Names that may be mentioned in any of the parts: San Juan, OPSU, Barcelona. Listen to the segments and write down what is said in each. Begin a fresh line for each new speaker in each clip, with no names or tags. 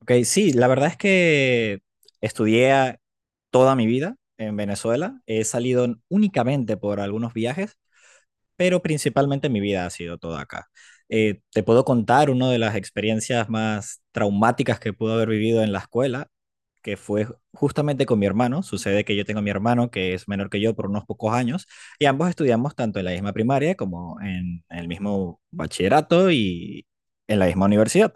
Ok, sí, la verdad es que estudié toda mi vida en Venezuela. He salido únicamente por algunos viajes, pero principalmente mi vida ha sido toda acá. Te puedo contar una de las experiencias más traumáticas que pude haber vivido en la escuela, que fue justamente con mi hermano. Sucede que yo tengo a mi hermano que es menor que yo por unos pocos años y ambos estudiamos tanto en la misma primaria como en el mismo bachillerato y en la misma universidad.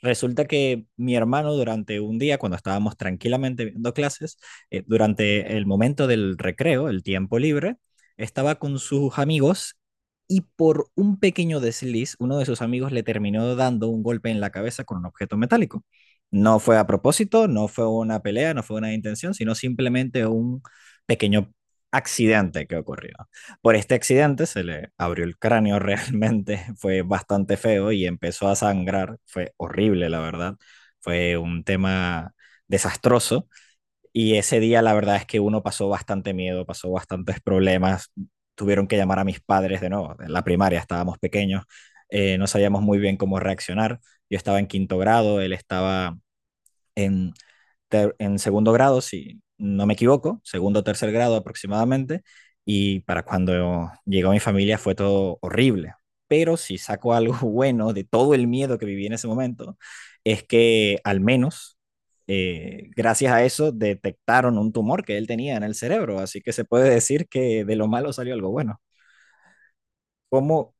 Resulta que mi hermano durante un día, cuando estábamos tranquilamente viendo clases, durante el momento del recreo, el tiempo libre, estaba con sus amigos y por un pequeño desliz, uno de sus amigos le terminó dando un golpe en la cabeza con un objeto metálico. No fue a propósito, no fue una pelea, no fue una intención, sino simplemente un pequeño accidente que ocurrió. Por este accidente se le abrió el cráneo realmente, fue bastante feo y empezó a sangrar, fue horrible la verdad, fue un tema desastroso y ese día la verdad es que uno pasó bastante miedo, pasó bastantes problemas, tuvieron que llamar a mis padres de nuevo, en la primaria estábamos pequeños, no sabíamos muy bien cómo reaccionar, yo estaba en quinto grado, él estaba en en segundo grado, si no me equivoco, segundo o tercer grado aproximadamente, y para cuando llegó mi familia fue todo horrible. Pero si saco algo bueno de todo el miedo que viví en ese momento, es que al menos gracias a eso detectaron un tumor que él tenía en el cerebro, así que se puede decir que de lo malo salió algo bueno. Como,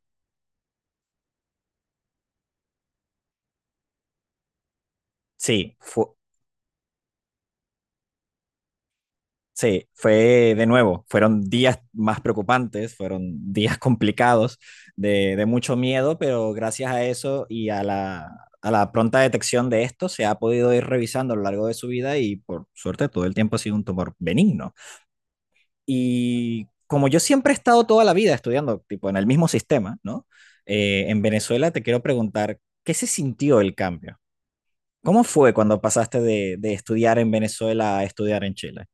sí, fue, sí, fue de nuevo, fueron días más preocupantes, fueron días complicados, de mucho miedo, pero gracias a eso y a la pronta detección de esto se ha podido ir revisando a lo largo de su vida y por suerte todo el tiempo ha sido un tumor benigno. Y como yo siempre he estado toda la vida estudiando, tipo, en el mismo sistema, ¿no? En Venezuela te quiero preguntar, ¿qué se sintió el cambio? ¿Cómo fue cuando pasaste de estudiar en Venezuela a estudiar en Chile?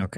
Ok,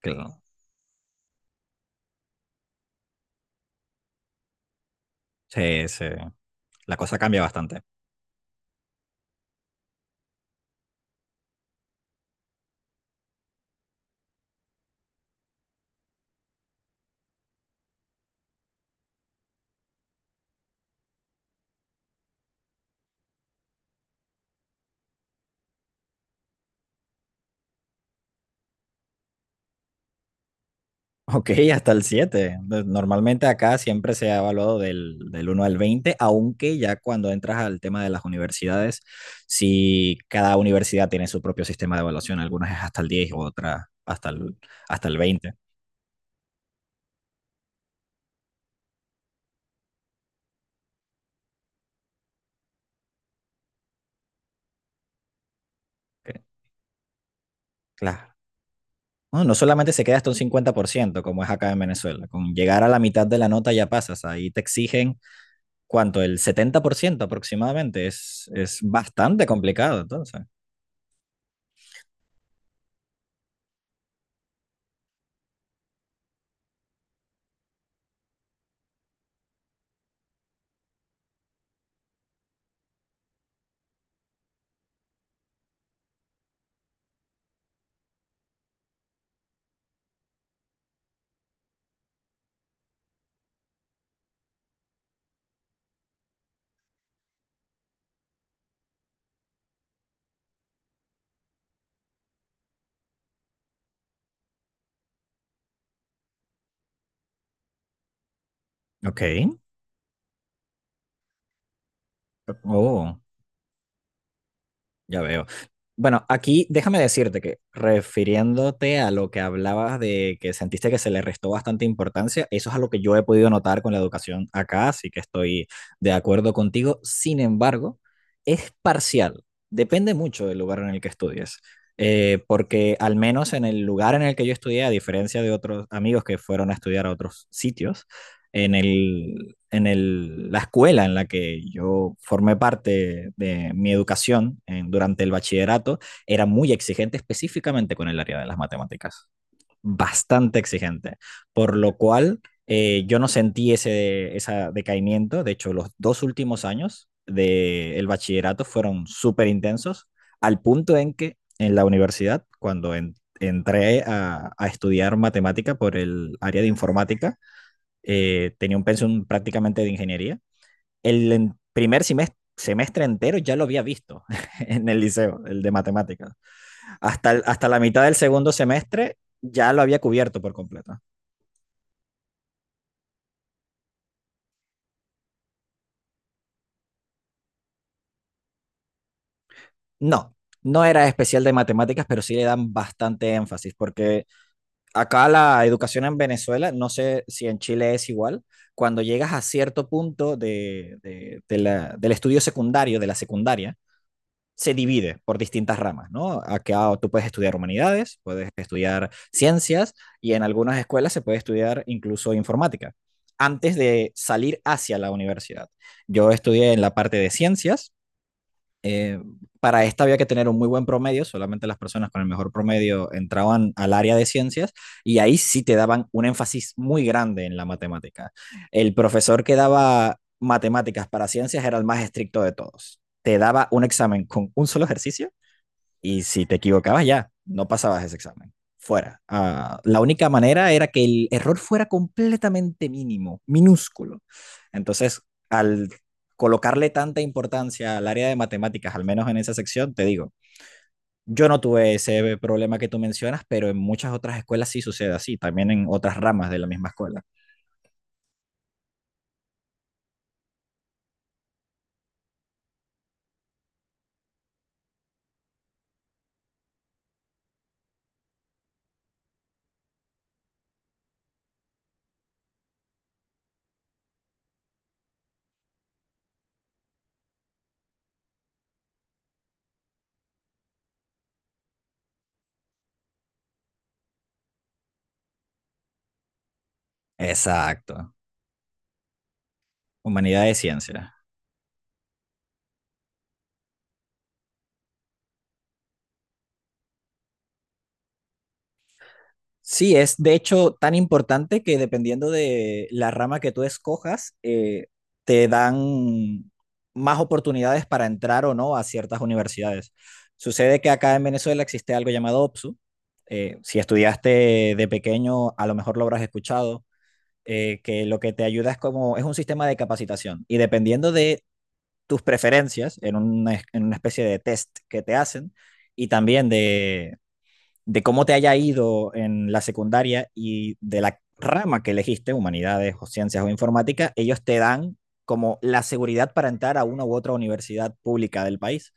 claro. Sí, sí. La cosa cambia bastante. Ok, hasta el 7. Pues, normalmente acá siempre se ha evaluado del uno al 20, aunque ya cuando entras al tema de las universidades, si cada universidad tiene su propio sistema de evaluación, algunas es hasta el 10, otras hasta el 20. Ok, claro. No, no solamente se queda hasta un 50% como es acá en Venezuela, con llegar a la mitad de la nota ya pasas, ahí te exigen cuánto, el 70% aproximadamente, es bastante complicado entonces. Ok. Oh, ya veo. Bueno, aquí déjame decirte que refiriéndote a lo que hablabas de que sentiste que se le restó bastante importancia, eso es algo que yo he podido notar con la educación acá, así que estoy de acuerdo contigo. Sin embargo, es parcial. Depende mucho del lugar en el que estudies. Porque al menos en el lugar en el que yo estudié, a diferencia de otros amigos que fueron a estudiar a otros sitios, en la escuela en la que yo formé parte de mi educación durante el bachillerato era muy exigente específicamente con el área de las matemáticas, bastante exigente, por lo cual yo no sentí ese, ese decaimiento, de hecho los dos últimos años del bachillerato fueron súper intensos, al punto en que en la universidad, cuando entré a estudiar matemática por el área de informática, tenía un pensum prácticamente de ingeniería. El primer semestre, semestre entero ya lo había visto en el liceo, el de matemáticas. Hasta, hasta la mitad del segundo semestre ya lo había cubierto por completo. No, no era especial de matemáticas, pero sí le dan bastante énfasis, porque acá la educación en Venezuela, no sé si en Chile es igual, cuando llegas a cierto punto del estudio secundario, de la secundaria, se divide por distintas ramas, ¿no? Acá tú puedes estudiar humanidades, puedes estudiar ciencias y en algunas escuelas se puede estudiar incluso informática, antes de salir hacia la universidad. Yo estudié en la parte de ciencias, eh, para esta había que tener un muy buen promedio, solamente las personas con el mejor promedio entraban al área de ciencias y ahí sí te daban un énfasis muy grande en la matemática. El profesor que daba matemáticas para ciencias era el más estricto de todos. Te daba un examen con un solo ejercicio y si te equivocabas ya, no pasabas ese examen. Fuera. Ah, la única manera era que el error fuera completamente mínimo, minúsculo. Entonces, al colocarle tanta importancia al área de matemáticas, al menos en esa sección, te digo, yo no tuve ese problema que tú mencionas, pero en muchas otras escuelas sí sucede así, también en otras ramas de la misma escuela. Exacto. Humanidades de ciencia. Sí, es de hecho tan importante que dependiendo de la rama que tú escojas, te dan más oportunidades para entrar o no a ciertas universidades. Sucede que acá en Venezuela existe algo llamado OPSU. Si estudiaste de pequeño, a lo mejor lo habrás escuchado, que lo que te ayuda es como, es un sistema de capacitación y dependiendo de tus preferencias en una especie de test que te hacen y también de cómo te haya ido en la secundaria y de la rama que elegiste, humanidades o ciencias o informática, ellos te dan como la seguridad para entrar a una u otra universidad pública del país.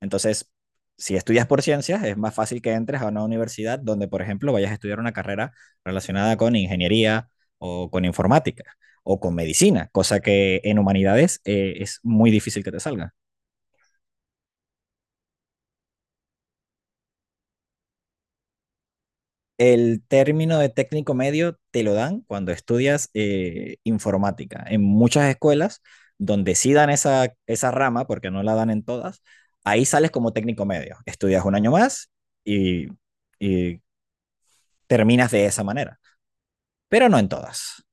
Entonces, si estudias por ciencias, es más fácil que entres a una universidad donde, por ejemplo, vayas a estudiar una carrera relacionada con ingeniería o con informática o con medicina, cosa que en humanidades es muy difícil que te salga. El término de técnico medio te lo dan cuando estudias informática. En muchas escuelas donde sí dan esa, esa rama, porque no la dan en todas, ahí sales como técnico medio. Estudias 1 año más y, y terminas de esa manera, pero no en todas.